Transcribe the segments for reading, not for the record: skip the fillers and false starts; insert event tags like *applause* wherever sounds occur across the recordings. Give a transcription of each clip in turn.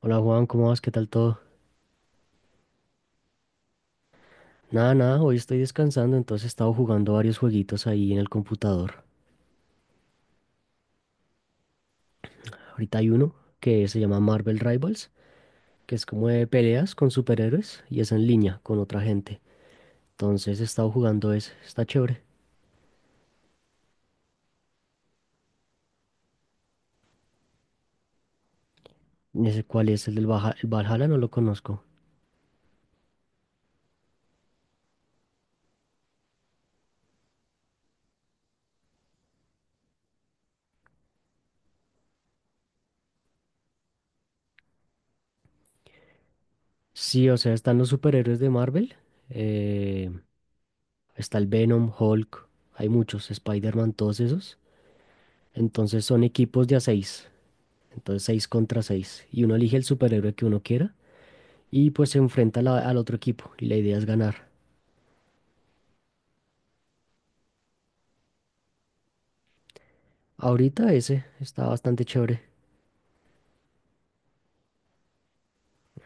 Hola Juan, ¿cómo vas? ¿Qué tal todo? Nada, nada, hoy estoy descansando, entonces he estado jugando varios jueguitos ahí en el computador. Ahorita hay uno que se llama Marvel Rivals, que es como de peleas con superhéroes y es en línea con otra gente. Entonces he estado jugando ese, está chévere. Ese cuál es el del el Valhalla, no lo conozco. Sí, o sea, están los superhéroes de Marvel, eh, está el Venom, Hulk, hay muchos, Spider-Man, todos esos. Entonces son equipos de a seis. Entonces 6 contra 6 y uno elige el superhéroe que uno quiera y pues se enfrenta a al otro equipo. Y la idea es ganar. Ahorita ese está bastante chévere.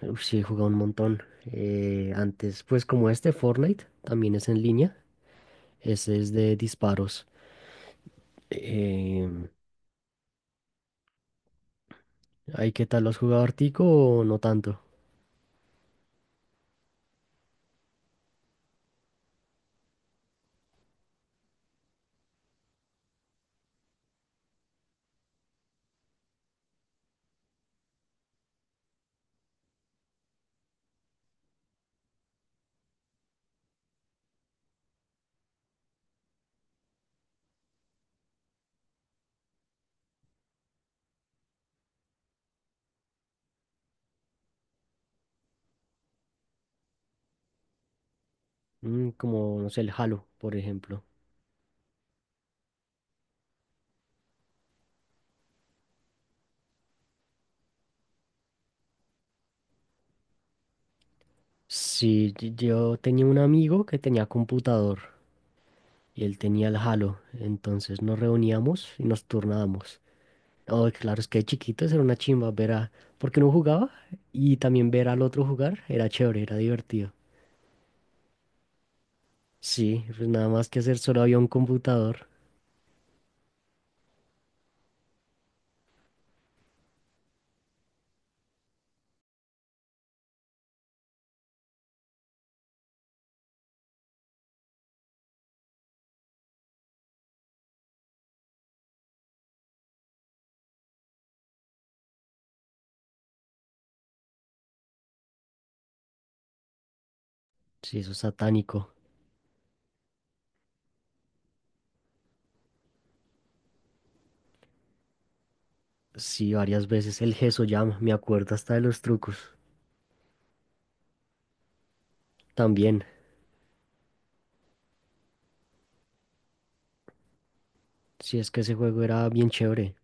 Uf, sí, he jugado un montón. Antes, pues como este Fortnite, también es en línea. Ese es de disparos. Em, ¿Ahí qué tal? ¿Lo has jugado Artico o no tanto? Mm, como, no sé, el Halo, por ejemplo. Sí, yo tenía un amigo que tenía computador y él tenía el Halo. Entonces nos reuníamos y nos turnábamos. Oh, claro, es que de chiquitos era una chimba ver a... Porque uno jugaba y también ver al otro jugar era chévere, era divertido. Sí, pues nada más que hacer, solo había un computador. Sí, eso es satánico. Sí, varias veces el Llama, me acuerdo hasta de los trucos. También, sí, es que ese juego era bien chévere.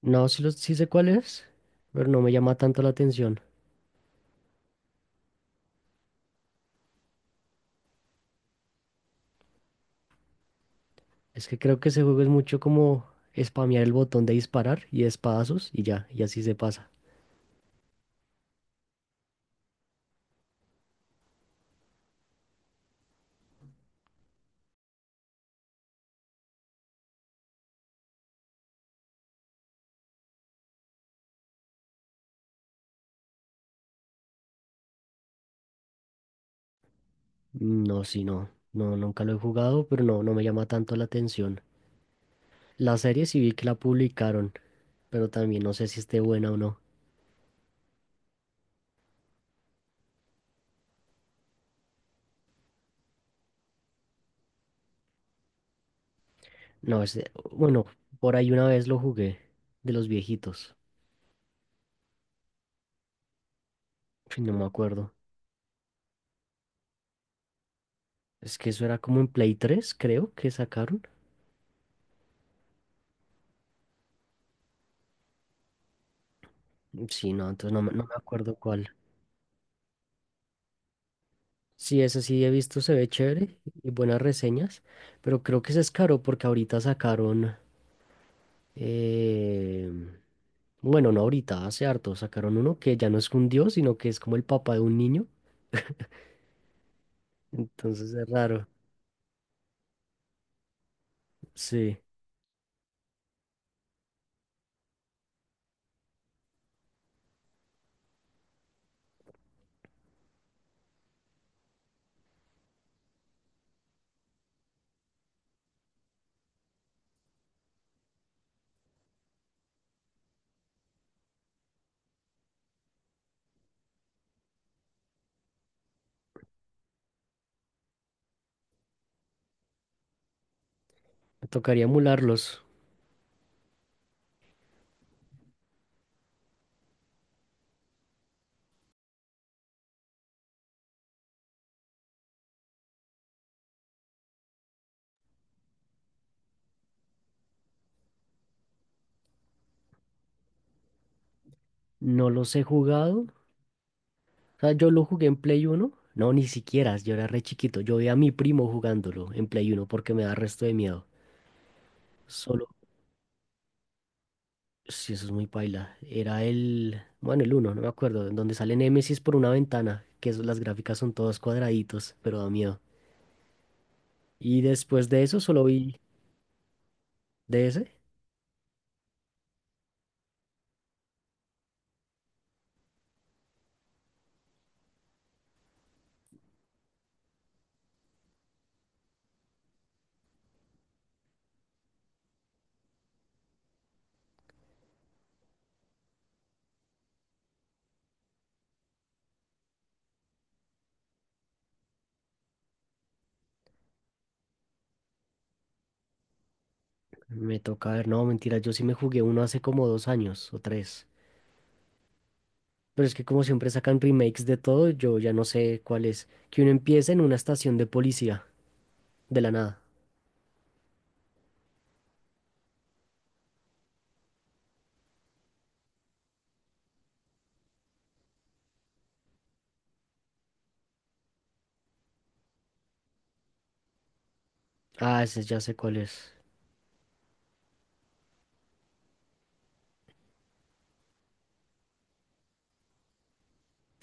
No, sí, sí sé cuál es, pero no me llama tanto la atención. Es que creo que ese juego es mucho como spamear el botón de disparar y espadazos y ya, y así se pasa. No, sí, no. No, nunca lo he jugado, pero no, no me llama tanto la atención. La serie sí vi que la publicaron, pero también no sé si esté buena o no. No, bueno, por ahí una vez lo jugué, de los viejitos. Ay, no me acuerdo. Es que eso era como en Play tres creo, que sacaron. Mm, sí, no, entonces no, no me acuerdo cuál. Sí, ese sí he visto, se ve chévere y buenas reseñas, pero creo que se es caro porque ahorita sacaron... em, Bueno, no ahorita, hace harto sacaron uno que ya no es un dios, sino que es como el papá de un niño. Entonces es raro. Sí, me tocaría emularlos. No los he jugado. O sea, yo lo jugué en Play Uno. No, ni siquiera, yo era re chiquito. Yo veía a mi primo jugándolo en Play Uno porque me da resto de miedo. Solo, sí, eso es muy paila. Era bueno, el uno. No me acuerdo, en donde sale Nemesis por una ventana, que las gráficas son todos cuadraditos, pero da miedo. Y después de eso solo vi DS. Me toca ver, no, mentira, yo sí me jugué uno hace como dos años o tres. Pero es que como siempre sacan remakes de todo, yo ya no sé cuál es. Que uno empieza en una estación de policía, de la nada. Ah, ese ya sé cuál es.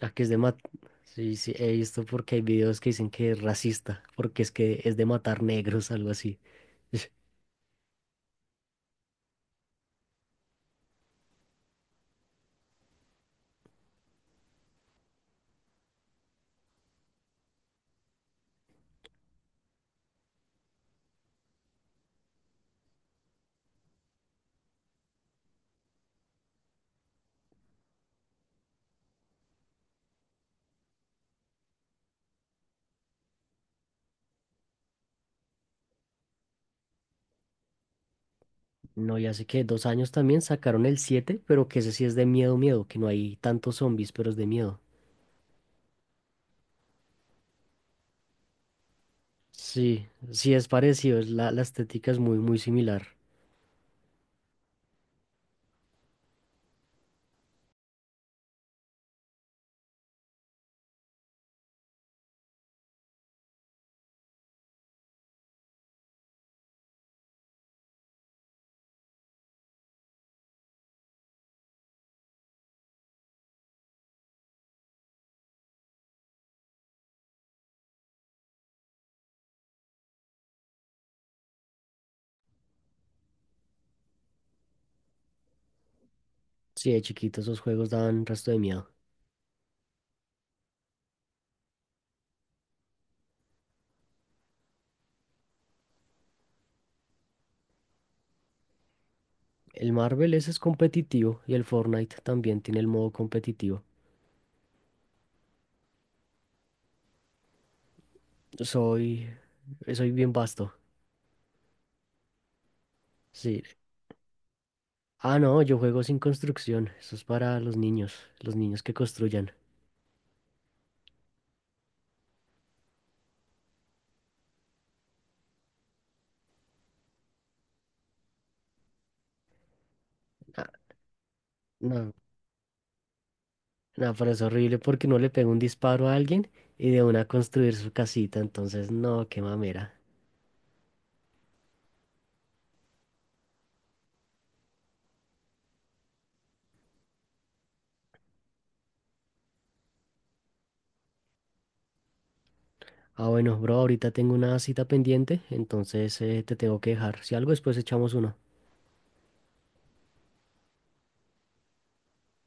Ah, que es de mat. Sí, sí, he visto porque hay videos que dicen que es racista, porque es que es de matar negros, algo así. *laughs* No, ya sé que dos años también sacaron el siete, pero que ese sí es de miedo, miedo, que no hay tantos zombies, pero es de miedo. Sí, sí es parecido, es la estética es muy, muy similar. Sí, de chiquito esos juegos dan resto de miedo. El Marvel ese es competitivo y el Fortnite también tiene el modo competitivo. Soy, soy bien vasto. Sí. Ah, no, yo juego sin construcción. Eso es para los niños que construyan. Ah, no, no, pero es horrible porque no le pega un disparo a alguien y de una construir su casita. Entonces, no, qué mamera. Ah, bueno, bro, ahorita tengo una cita pendiente, entonces te tengo que dejar. Si algo, después echamos uno.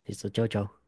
Listo, chao, chao.